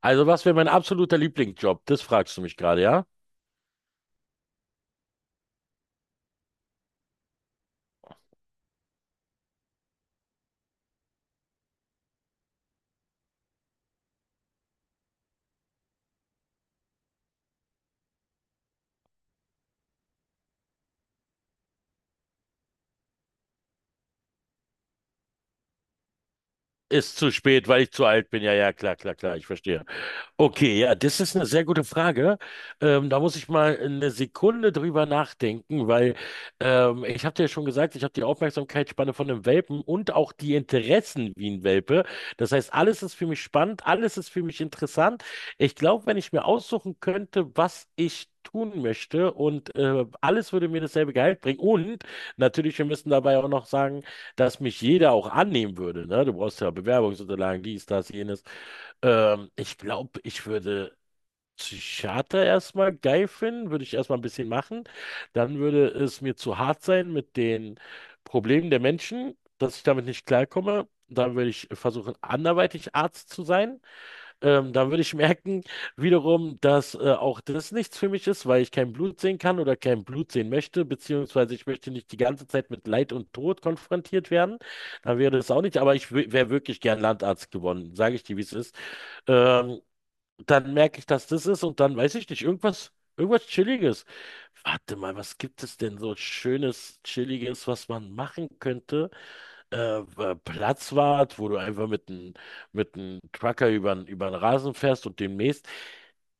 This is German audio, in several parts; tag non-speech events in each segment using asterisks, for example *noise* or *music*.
Also, was wäre mein absoluter Lieblingsjob? Das fragst du mich gerade, ja? Ist zu spät, weil ich zu alt bin. Ja, ja, klar, klar, klar, ich verstehe. Okay, ja, das ist eine sehr gute Frage. Da muss ich mal eine Sekunde drüber nachdenken, weil ich habe dir ja schon gesagt, ich habe die Aufmerksamkeitsspanne von einem Welpen und auch die Interessen wie ein Welpe. Das heißt, alles ist für mich spannend, alles ist für mich interessant. Ich glaube, wenn ich mir aussuchen könnte, was ich tun möchte und alles würde mir dasselbe Gehalt bringen. Und natürlich, wir müssen dabei auch noch sagen, dass mich jeder auch annehmen würde. Ne? Du brauchst ja Bewerbungsunterlagen, dies, das, jenes. Ich glaube, ich würde Psychiater erstmal geil finden, würde ich erstmal ein bisschen machen. Dann würde es mir zu hart sein mit den Problemen der Menschen, dass ich damit nicht klarkomme. Dann würde ich versuchen, anderweitig Arzt zu sein. Dann würde ich merken, wiederum, dass auch das nichts für mich ist, weil ich kein Blut sehen kann oder kein Blut sehen möchte, beziehungsweise ich möchte nicht die ganze Zeit mit Leid und Tod konfrontiert werden. Dann wäre das auch nicht, aber ich wäre wirklich gern Landarzt geworden, sage ich dir, wie es ist. Ähm, Dann merke ich, dass das ist und dann weiß ich nicht, irgendwas, irgendwas Chilliges. Warte mal, was gibt es denn so Schönes, Chilliges, was man machen könnte? Platzwart, wo du einfach mit einem Trucker über, über den Rasen fährst und demnächst.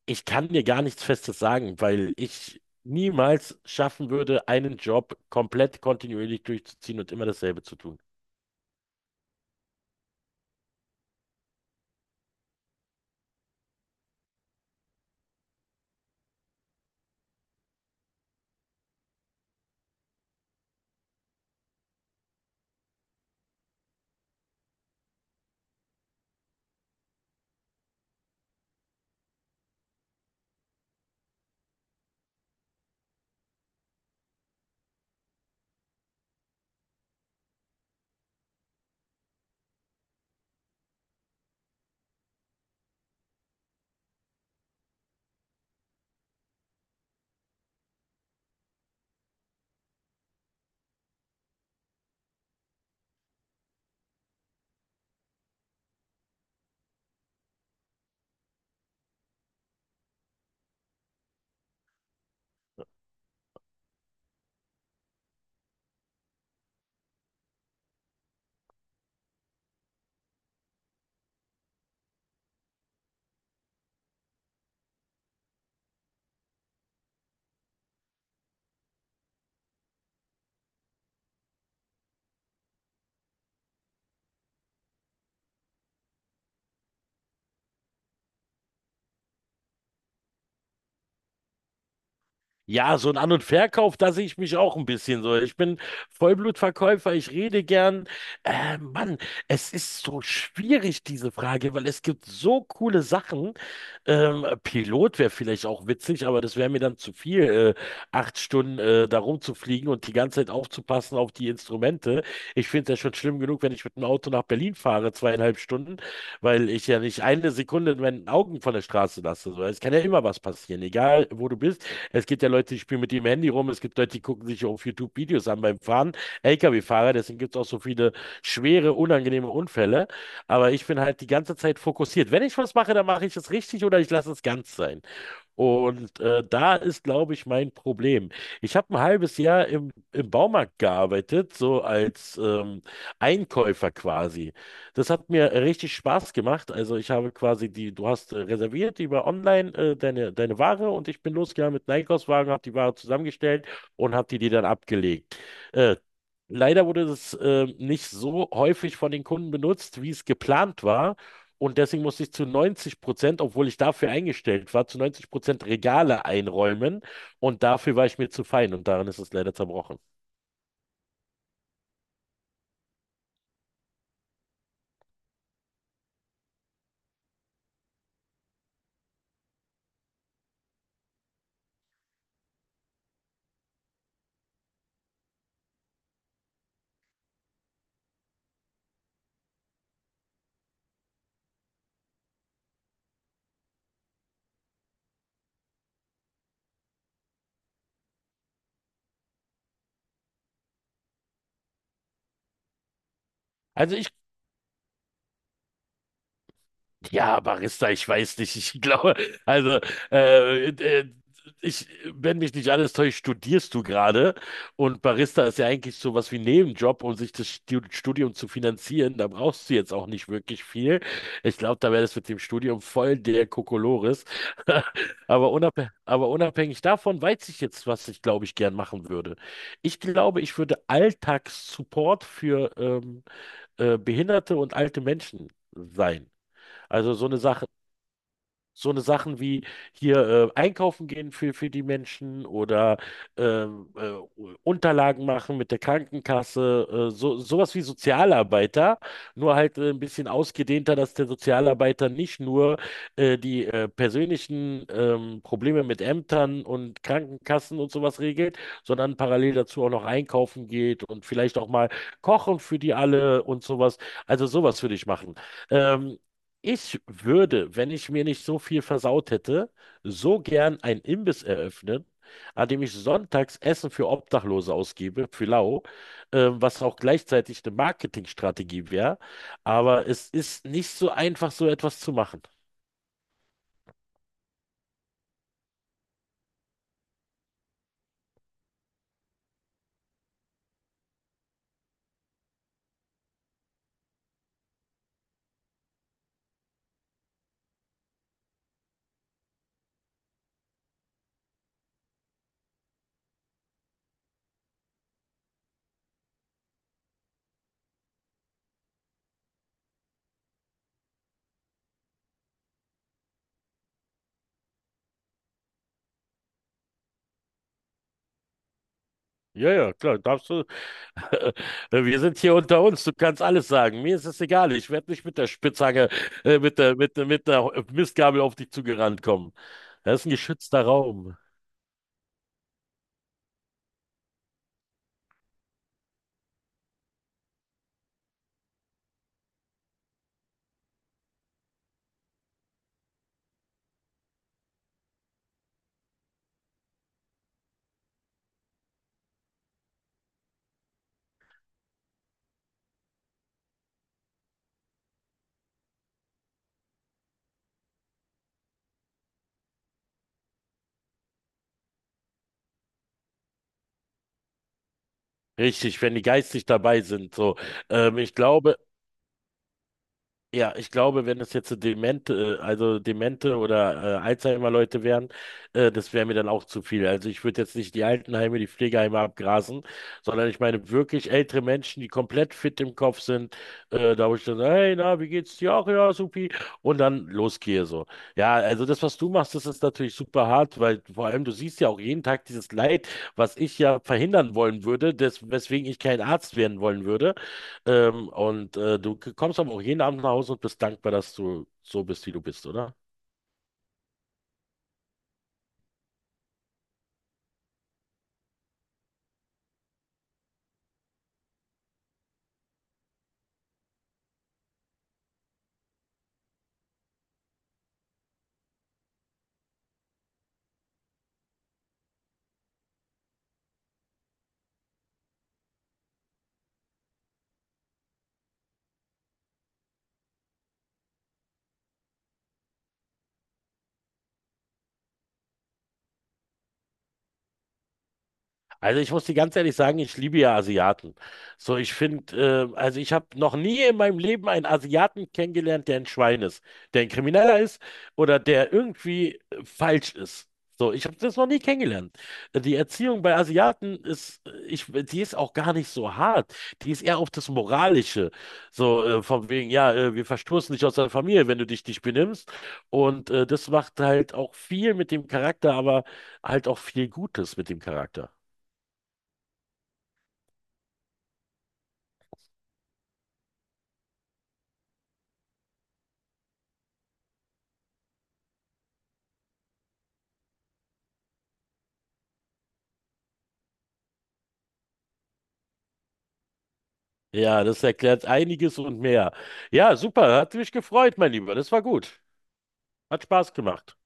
Ich kann dir gar nichts Festes sagen, weil ich niemals schaffen würde, einen Job komplett kontinuierlich durchzuziehen und immer dasselbe zu tun. Ja, so ein An- und Verkauf, da sehe ich mich auch ein bisschen so. Ich bin Vollblutverkäufer, ich rede gern. Mann, es ist so schwierig, diese Frage, weil es gibt so coole Sachen. Pilot wäre vielleicht auch witzig, aber das wäre mir dann zu viel, acht Stunden da rumzufliegen und die ganze Zeit aufzupassen auf die Instrumente. Ich finde es ja schon schlimm genug, wenn ich mit dem Auto nach Berlin fahre, zweieinhalb Stunden, weil ich ja nicht eine Sekunde in meinen Augen von der Straße lasse. So, es kann ja immer was passieren, egal wo du bist. Es gibt ja Leute, die spielen mit ihrem Handy rum, es gibt Leute, die gucken sich auf YouTube Videos an beim Fahren, LKW-Fahrer, deswegen gibt es auch so viele schwere, unangenehme Unfälle. Aber ich bin halt die ganze Zeit fokussiert. Wenn ich was mache, dann mache ich es richtig oder ich lasse es ganz sein. Und da ist, glaube ich, mein Problem. Ich habe ein halbes Jahr im Baumarkt gearbeitet, so als Einkäufer quasi. Das hat mir richtig Spaß gemacht. Also ich habe quasi die, du hast reserviert über online deine Ware und ich bin losgegangen mit einem Einkaufswagen, habe die Ware zusammengestellt und habe die dir dann abgelegt. Äh, Leider wurde das nicht so häufig von den Kunden benutzt, wie es geplant war. Und deswegen musste ich zu 90%, obwohl ich dafür eingestellt war, zu 90% Regale einräumen. Und dafür war ich mir zu fein und daran ist es leider zerbrochen. Also, ja, Barista, ich weiß nicht. Ich glaube, also, äh, äh, ich, wenn mich nicht alles täuscht, studierst du gerade. Und Barista ist ja eigentlich so was wie ein Nebenjob, um sich das Studium zu finanzieren. Da brauchst du jetzt auch nicht wirklich viel. Ich glaube, da wäre das mit dem Studium voll der Kokolores. *laughs* Aber unabhängig davon weiß ich jetzt, was ich, glaube ich, gern machen würde. Ich glaube, ich würde Alltagssupport für Behinderte und alte Menschen sein. Also so eine Sache, so eine Sachen wie hier einkaufen gehen für die Menschen oder ähm, äh, Unterlagen machen mit der Krankenkasse, so, sowas wie Sozialarbeiter, nur halt ein bisschen ausgedehnter, dass der Sozialarbeiter nicht nur die persönlichen Probleme mit Ämtern und Krankenkassen und sowas regelt, sondern parallel dazu auch noch einkaufen geht und vielleicht auch mal kochen für die alle und sowas. Also sowas würde ich machen. Ähm, Ich würde, wenn ich mir nicht so viel versaut hätte, so gern einen Imbiss eröffnen, an dem ich sonntags Essen für Obdachlose ausgebe, für lau, was auch gleichzeitig eine Marketingstrategie wäre. Aber es ist nicht so einfach, so etwas zu machen. Ja, ja, klar, darfst du. *laughs* Wir sind hier unter uns, du kannst alles sagen. Mir ist es egal, ich werde nicht mit der Spitzhacke, mit mit der Mistgabel auf dich zugerannt kommen. Das ist ein geschützter Raum. Richtig, wenn die geistig dabei sind, so. Ich glaube, ja, ich glaube, wenn es jetzt so demente, also demente oder Alzheimer-Leute wären, das wäre mir dann auch zu viel. Also ich würde jetzt nicht die Altenheime, die Pflegeheime abgrasen, sondern ich meine wirklich ältere Menschen, die komplett fit im Kopf sind, da wo ich dann, hey, na, wie geht's dir? Auch, ja, supi. Und dann losgehe so. Ja, also das, was du machst, das ist natürlich super hart, weil vor allem du siehst ja auch jeden Tag dieses Leid, was ich ja verhindern wollen würde, des, weswegen ich kein Arzt werden wollen würde. Und du kommst aber auch jeden Abend nach Hause und bist dankbar, dass du so bist, wie du bist, oder? Also ich muss dir ganz ehrlich sagen, ich liebe ja Asiaten. So, ich finde, ich habe noch nie in meinem Leben einen Asiaten kennengelernt, der ein Schwein ist, der ein Krimineller ist oder der irgendwie falsch ist. So, ich habe das noch nie kennengelernt. Die Erziehung bei Asiaten ist, die ist auch gar nicht so hart. Die ist eher auf das Moralische. So, von wegen, ja, wir verstoßen dich aus der Familie, wenn du dich nicht benimmst. Und das macht halt auch viel mit dem Charakter, aber halt auch viel Gutes mit dem Charakter. Ja, das erklärt einiges und mehr. Ja, super, hat mich gefreut, mein Lieber. Das war gut. Hat Spaß gemacht.